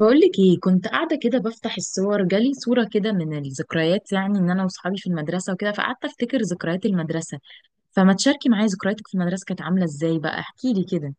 بقولك ايه كنت قاعدة كده بفتح الصور، جالي صورة كده من الذكريات، يعني ان انا وصحابي في المدرسة وكده فقعدت افتكر ذكريات المدرسة. فما تشاركي معايا ذكرياتك في المدرسة كانت عاملة ازاي بقى؟ احكي لي كده.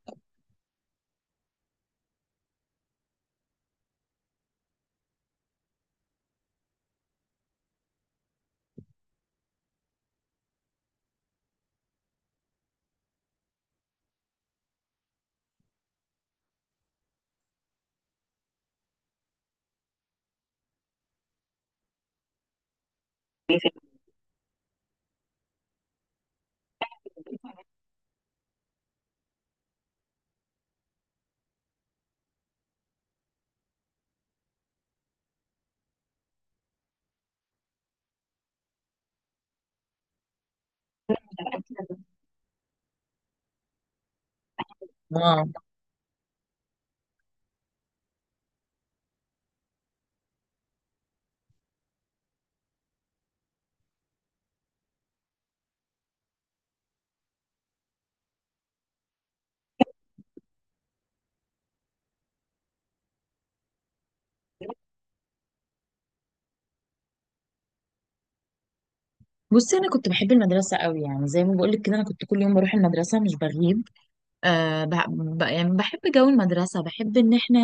واو. بصي، انا كنت بحب المدرسة قوي، يعني زي ما بقولك كده انا كنت كل يوم بروح المدرسة مش بغيب. يعني بحب جو المدرسة، بحب ان احنا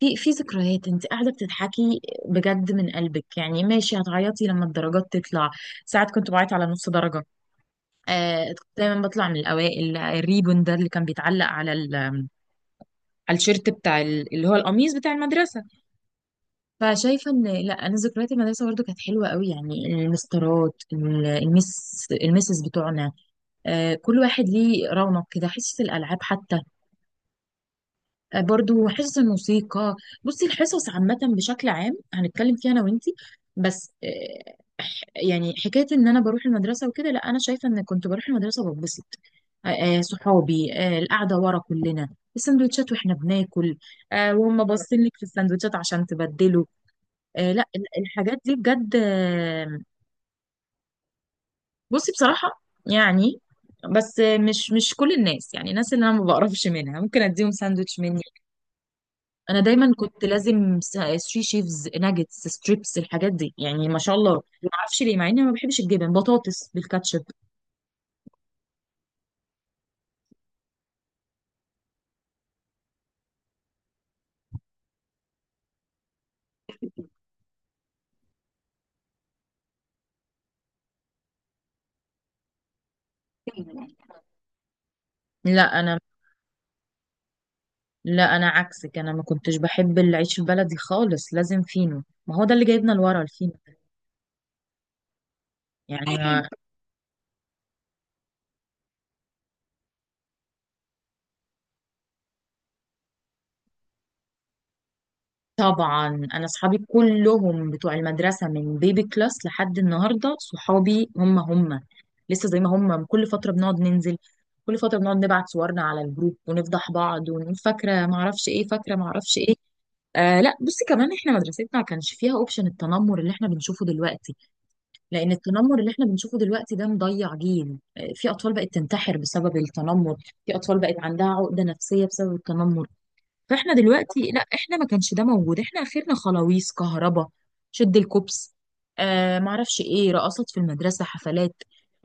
في ذكريات. انت قاعدة بتضحكي بجد من قلبك، يعني ماشي، هتعيطي لما الدرجات تطلع. ساعات كنت بعيط على نص درجة. كنت دايما بطلع من الاوائل، الريبون ده اللي كان بيتعلق على الشيرت اللي هو القميص بتاع المدرسه. فشايفه ان لا، انا ذكريات المدرسه برضو كانت حلوه قوي، يعني المسطرات، المسز بتوعنا. كل واحد ليه رونق كده، حصص الالعاب حتى، برضو حصص الموسيقى. بصي الحصص عامة بشكل عام هنتكلم فيها أنا وإنتي. بس، يعني حكاية إن أنا بروح المدرسة وكده، لا أنا شايفة إن كنت بروح المدرسة بتبسط. آه، صحابي، القعدة ورا كلنا، السندوتشات وإحنا بناكل، وهم باصين لك في السندوتشات عشان تبدله. لا الحاجات دي بجد. آه، بصي بصراحة، يعني بس، مش كل الناس، يعني الناس اللي أنا ما بقرفش منها ممكن أديهم ساندوتش مني. انا دايما كنت لازم سري شيفز، ناجتس، ستريبس، الحاجات دي يعني ما شاء الله. ما اعرفش ليه، مع اني ما بحبش الجبن. بطاطس بالكاتشب. لا انا لا انا عكسك، انا ما كنتش بحب العيش البلدي خالص، لازم فينو، ما هو ده اللي جايبنا لورا، الفينو. يعني أكيد. طبعا. انا اصحابي كلهم بتوع المدرسه، من بيبي كلاس لحد النهارده صحابي هم هم، لسه زي ما هم. كل فتره بنقعد ننزل، كل فتره بنقعد نبعت صورنا على الجروب ونفضح بعض ونقول فاكره ما اعرفش ايه، فاكره ما اعرفش ايه. لا بصي، كمان احنا مدرستنا ما كانش فيها اوبشن التنمر اللي احنا بنشوفه دلوقتي. لان التنمر اللي احنا بنشوفه دلوقتي ده مضيع جيل، في اطفال بقت تنتحر بسبب التنمر، في اطفال بقت عندها عقدة نفسية بسبب التنمر. فاحنا دلوقتي لا، احنا ما كانش ده موجود، احنا اخرنا خلاويص كهربا، شد الكوبس. ما اعرفش ايه، رقصات في المدرسة، حفلات،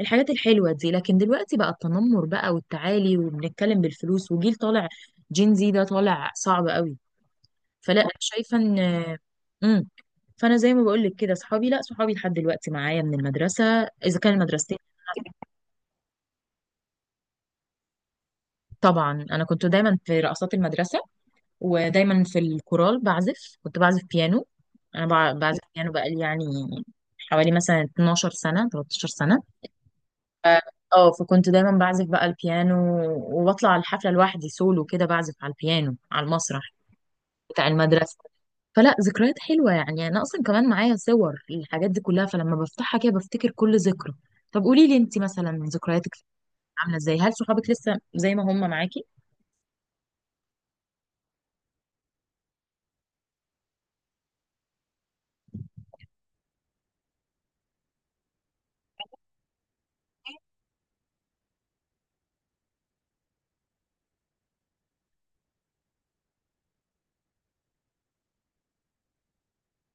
الحاجات الحلوة دي. لكن دلوقتي بقى التنمر بقى والتعالي وبنتكلم بالفلوس، وجيل طالع، جين زي ده طالع صعب قوي. فلا انا شايفه ان، امم فانا زي ما بقول لك كده، صحابي، لا، صحابي لحد دلوقتي معايا من المدرسه، اذا كان المدرستين. طبعا انا كنت دايما في رقصات المدرسه، ودايما في الكورال، كنت بعزف بيانو. انا بعزف بيانو بقالي، يعني حوالي مثلا 12 سنه، 13 سنه. ف- اه فكنت دايما بعزف بقى البيانو، وبطلع الحفله لوحدي سولو كده، بعزف على البيانو على المسرح بتاع المدرسه. فلا ذكريات حلوة. يعني أنا أصلا كمان معايا صور الحاجات دي كلها، فلما بفتحها كده بفتكر كل ذكرى. طب قولي لي أنت مثلا، ذكرياتك عاملة إزاي؟ هل صحابك لسه زي ما هم معاكي؟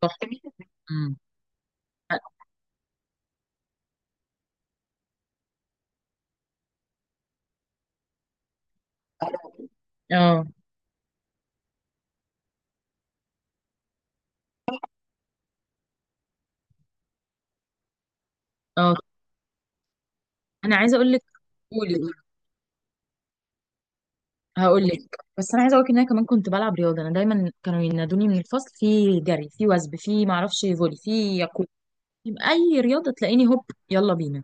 صح. امم. اه. اه. أنا عايزة أقول لك. قولي، قولي. هقول لك. بس أنا عايزة أقول لك إن أنا كمان كنت بلعب رياضة. أنا دايما كانوا ينادوني من الفصل، في جري، في وثب، في معرفش فولي، في يقول أي رياضة تلاقيني هوب، يلا بينا.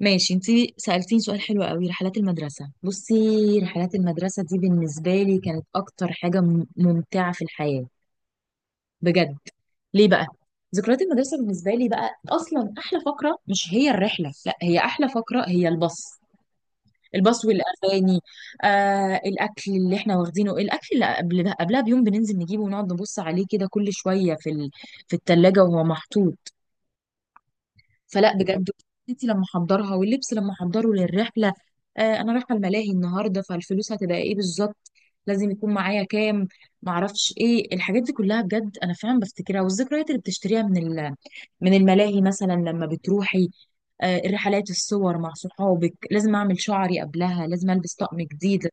ماشي، انتي سألتيني سؤال حلو قوي، رحلات المدرسة. بصي، رحلات المدرسة دي بالنسبة لي كانت أكتر حاجة ممتعة في الحياة، بجد. ليه بقى؟ ذكريات المدرسة بالنسبة لي بقى، أصلا أحلى فقرة مش هي الرحلة، لا، هي أحلى فقرة هي الباص. الباص والأغاني. الأكل اللي احنا واخدينه، الأكل اللي قبلها بيوم بننزل نجيبه ونقعد نبص عليه كده كل شوية في التلاجة وهو محطوط. فلا بجد، والدتي لما احضرها، واللبس لما احضره للرحله، انا رايحه الملاهي النهارده، فالفلوس هتبقى ايه بالظبط، لازم يكون معايا كام، معرفش ايه، الحاجات دي كلها بجد انا فعلا بفتكرها. والذكريات اللي بتشتريها من الملاهي مثلا لما بتروحي. الرحلات، الصور مع صحابك، لازم اعمل شعري قبلها، لازم البس طقم جديد،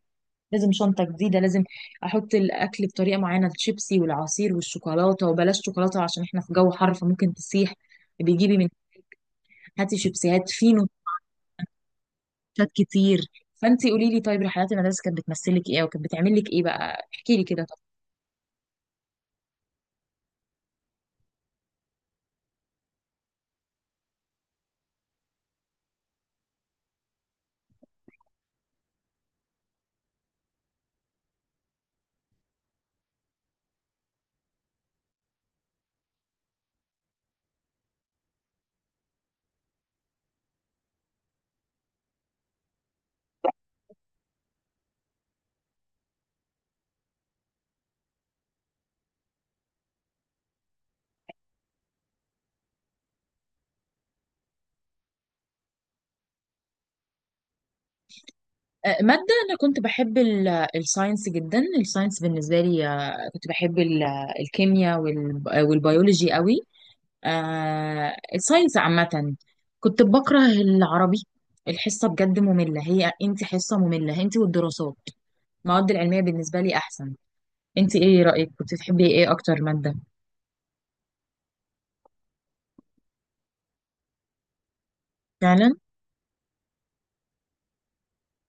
لازم شنطه جديده، لازم احط الاكل بطريقه معينه، الشيبسي والعصير والشوكولاته، وبلاش شوكولاته عشان احنا في جو حر فممكن تسيح. بيجيبي هاتي شيبسيهات، في نوتات كتير. فانت قولي لي، طيب رحلات المدرسه كانت بتمثلك ايه وكانت بتعمل لك ايه بقى؟ احكي لي كده. طب. ماده. انا كنت بحب الساينس جدا. الساينس بالنسبه لي، كنت بحب الكيمياء والبيولوجي قوي، الساينس عامه. كنت بكره العربي، الحصه بجد ممله هي، انت حصه ممله انت والدراسات. المواد العلميه بالنسبه لي احسن. انت ايه رايك؟ كنت تحبي ايه اكتر ماده؟ فعلا.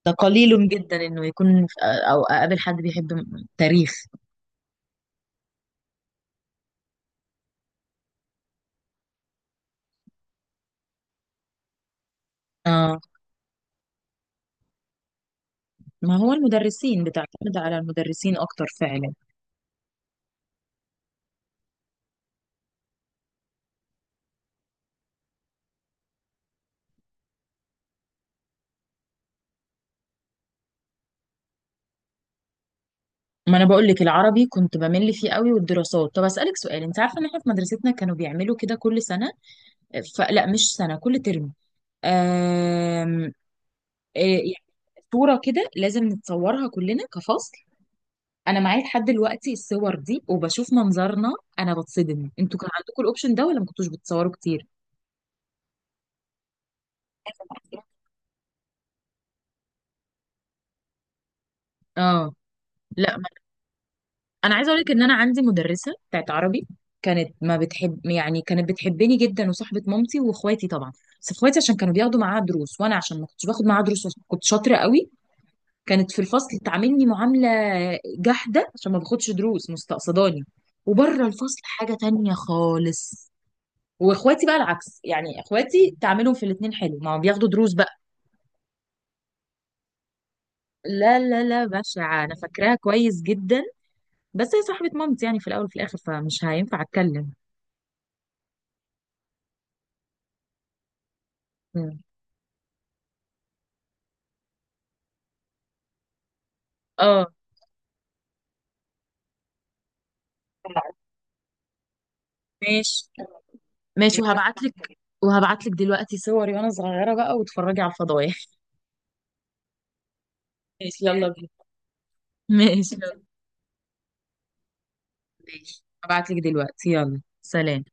ده قليل جدا انه يكون او اقابل حد بيحب تاريخ. اه. ما هو المدرسين، بتعتمد على المدرسين اكتر فعلا. ما انا بقول لك العربي كنت بمل فيه قوي، والدراسات. طب اسالك سؤال، انت عارفه ان احنا في مدرستنا كانوا بيعملوا كده كل سنه، فلا مش سنه، كل ترم. آم... يعني صوره كده لازم نتصورها كلنا كفصل. انا معايا لحد دلوقتي الصور دي وبشوف منظرنا، انا بتصدم. انتوا كان عندكم الاوبشن ده ولا ما كنتوش بتصوروا كتير؟ اه. لا انا عايزه اقول لك ان انا عندي مدرسه بتاعت عربي، كانت ما بتحب، يعني كانت بتحبني جدا وصاحبه مامتي واخواتي طبعا، بس اخواتي عشان كانوا بياخدوا معاها دروس، وانا عشان ما كنتش باخد معاها دروس وعشان كنت شاطره قوي، كانت في الفصل تعاملني معامله جحده، عشان ما باخدش دروس، مستقصداني، وبره الفصل حاجه تانية خالص. واخواتي بقى العكس، يعني اخواتي تعاملهم في الاتنين حلو، ما هم بياخدوا دروس بقى. لا لا لا، بشعه، انا فاكراها كويس جدا. بس هي صاحبه مامتي يعني في الاول وفي الاخر، فمش هينفع اتكلم. مم. اه. ماشي. ماشي، وهبعت لك. وهبعت لك دلوقتي صوري وانا صغيرة بقى وتتفرجي على الفضايح ماشي يلا بينا. ماشي يلا. ماشي، هبعت لك دلوقتي. يلا سلام.